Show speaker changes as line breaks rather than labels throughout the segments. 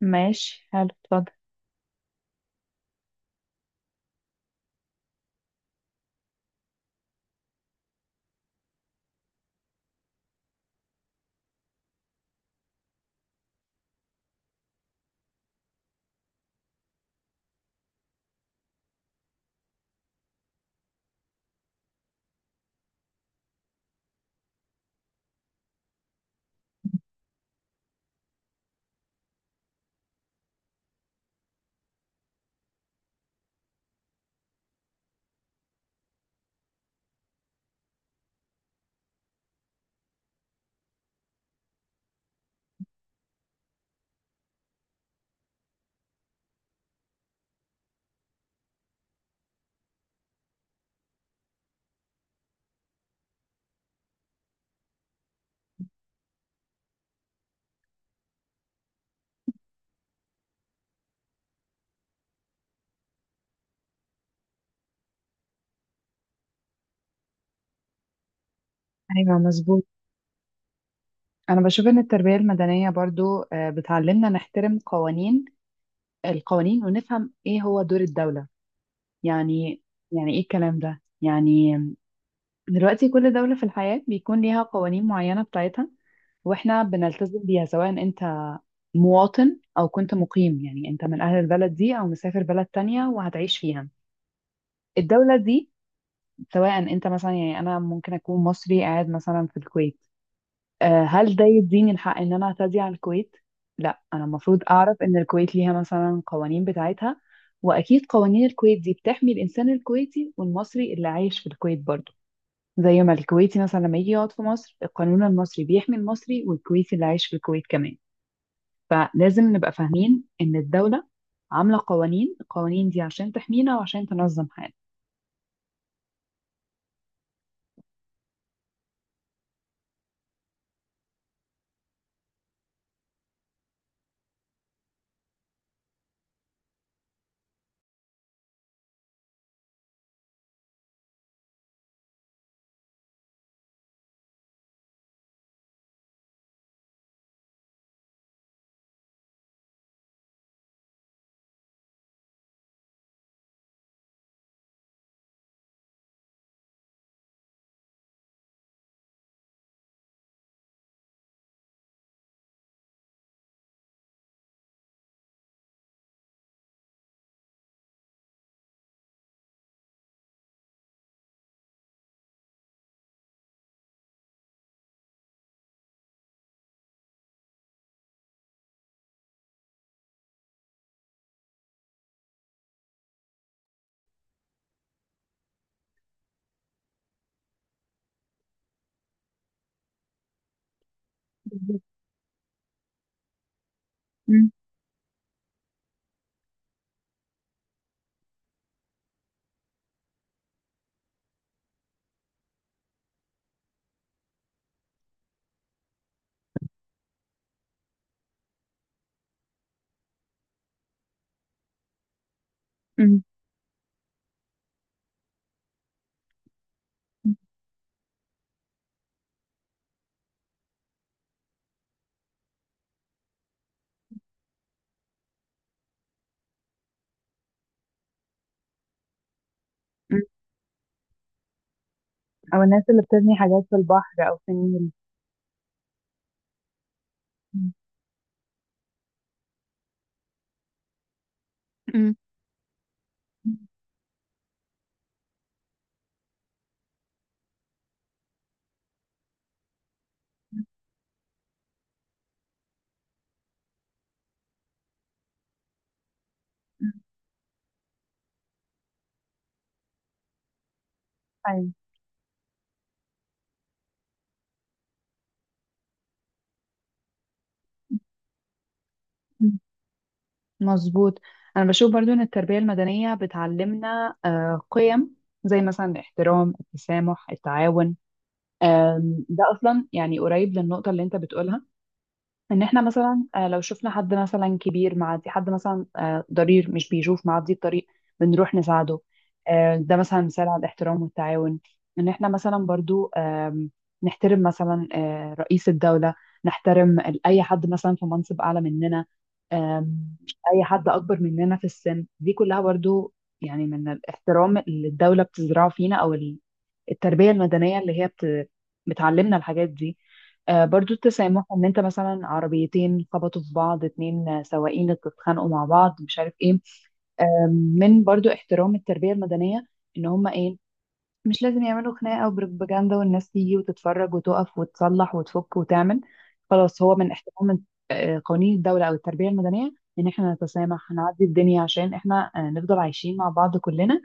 ماشي، حلو، اتفضل. ايوه، مظبوط. انا بشوف ان التربيه المدنيه برضو بتعلمنا نحترم القوانين ونفهم ايه هو دور الدوله يعني. يعني ايه الكلام ده يعني؟ دلوقتي كل دوله في الحياه بيكون ليها قوانين معينه بتاعتها، واحنا بنلتزم بيها سواء انت مواطن او كنت مقيم، يعني انت من اهل البلد دي او مسافر بلد تانية وهتعيش فيها الدوله دي. سواء انت مثلا، يعني انا ممكن اكون مصري قاعد مثلا في الكويت، هل ده يديني الحق ان انا اعتدي على الكويت؟ لا، انا المفروض اعرف ان الكويت ليها مثلا قوانين بتاعتها. واكيد قوانين الكويت دي بتحمي الانسان الكويتي والمصري اللي عايش في الكويت برضه، زي ما الكويتي مثلا لما يجي يقعد في مصر القانون المصري بيحمي المصري والكويتي اللي عايش في الكويت كمان. فلازم نبقى فاهمين ان الدولة عاملة القوانين دي عشان تحمينا وعشان تنظم حياتنا. بالظبط. مم. مم. مم. مم. او الناس اللي بتبني حاجات في البحر او في النيل. مم. مم. مم. أيوة. مم. مظبوط. انا بشوف برضو ان التربيه المدنيه بتعلمنا قيم زي مثلا الاحترام، التسامح، التعاون. ده اصلا يعني قريب للنقطه اللي انت بتقولها. ان احنا مثلا لو شفنا حد مثلا كبير معدي، حد مثلا ضرير مش بيشوف معدي الطريق بنروح نساعده. ده مثلا مثال على الاحترام والتعاون. ان احنا مثلا برضو نحترم مثلا رئيس الدولة، نحترم اي حد مثلا في منصب اعلى مننا. آم، اي حد اكبر مننا في السن، دي كلها برضو يعني من الاحترام اللي الدولة بتزرعه فينا، او التربية المدنية اللي هي بتعلمنا الحاجات دي. برضو التسامح، ان انت مثلا عربيتين خبطوا في بعض، اتنين سواقين اتخانقوا مع بعض مش عارف ايه. آم، من برضو احترام التربية المدنية ان هم ايه، مش لازم يعملوا خناقة وبروباجندا والناس تيجي وتتفرج وتقف وتصلح وتفك وتعمل خلاص. هو من احترام قوانين الدولة او التربية المدنية ان احنا نتسامح. هنعدي الدنيا عشان احنا نفضل عايشين مع بعض كلنا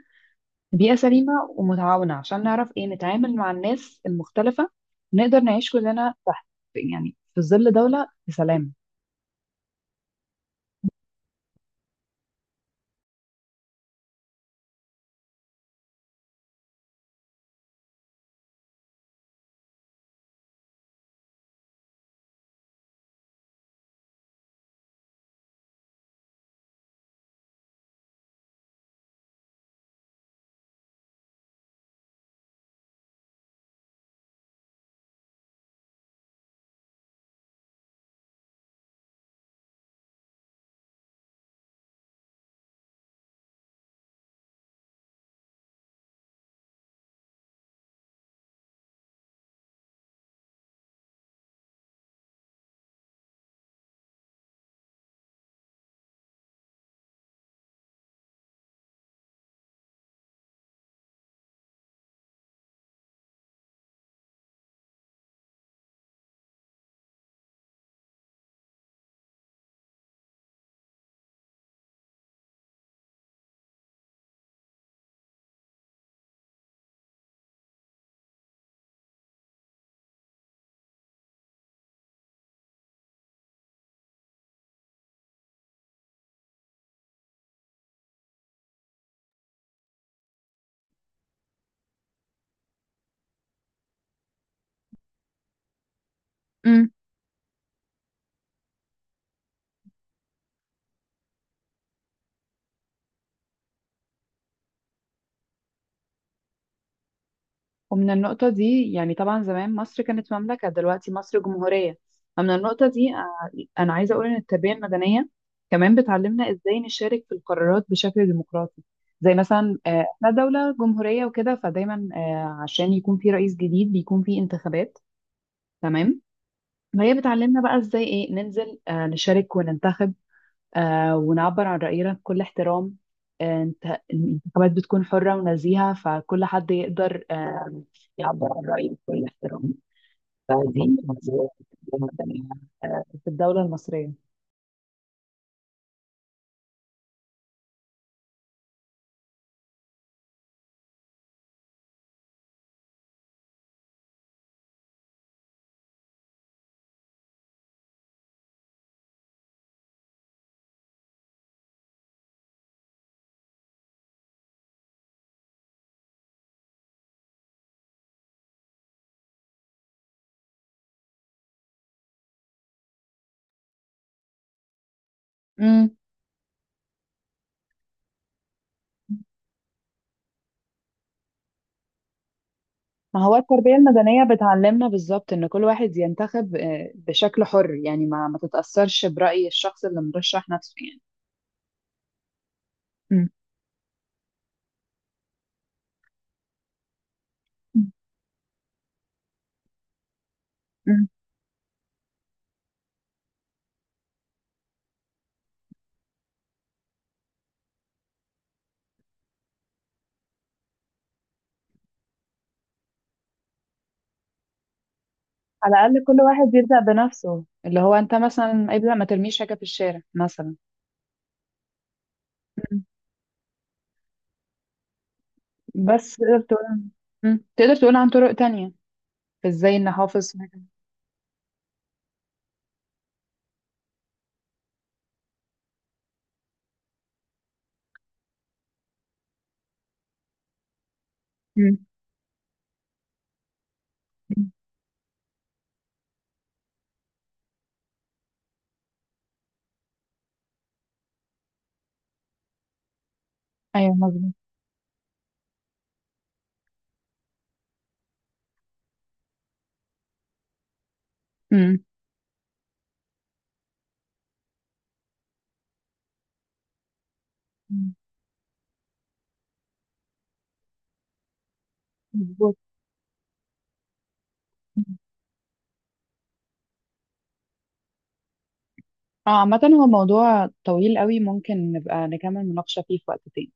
بيئة سليمة ومتعاونة، عشان نعرف ايه نتعامل مع الناس المختلفة. نقدر نعيش كلنا تحت، يعني في ظل دولة بسلام. امم ومن النقطة دي يعني طبعا زمان مصر كانت مملكة، دلوقتي مصر جمهورية. فمن النقطة دي أنا عايزة أقول إن التربية المدنية كمان بتعلمنا إزاي نشارك في القرارات بشكل ديمقراطي. زي مثلا إحنا دولة جمهورية وكده، فدايما عشان يكون في رئيس جديد بيكون في انتخابات. تمام. فهي بتعلمنا بقى إزاي إيه ننزل نشارك وننتخب، ونعبر عن رأينا بكل احترام. انت الانتخابات بتكون حرة ونزيهة، فكل حد يقدر يعبر عن رأيه بكل احترام. فدي نظرية التربية المدنية في الدولة المصرية. مم. ما هو التربية المدنية بتعلمنا بالظبط إن كل واحد ينتخب بشكل حر، يعني ما تتأثرش برأي الشخص اللي مرشح نفسه يعني. مم. مم. على الأقل كل واحد يبدأ بنفسه، اللي هو أنت مثلا ابدأ ما ترميش حاجة في الشارع مثلا. بس تقدر تقول. مم. تقدر تقول عن طرق تانية ازاي نحافظ. مم. مم. ايوه، مظبوط. مم. مم. مظبوط. اه عامة هو موضوع طويل قوي، ممكن نبقى نكمل مناقشة فيه في وقت تاني.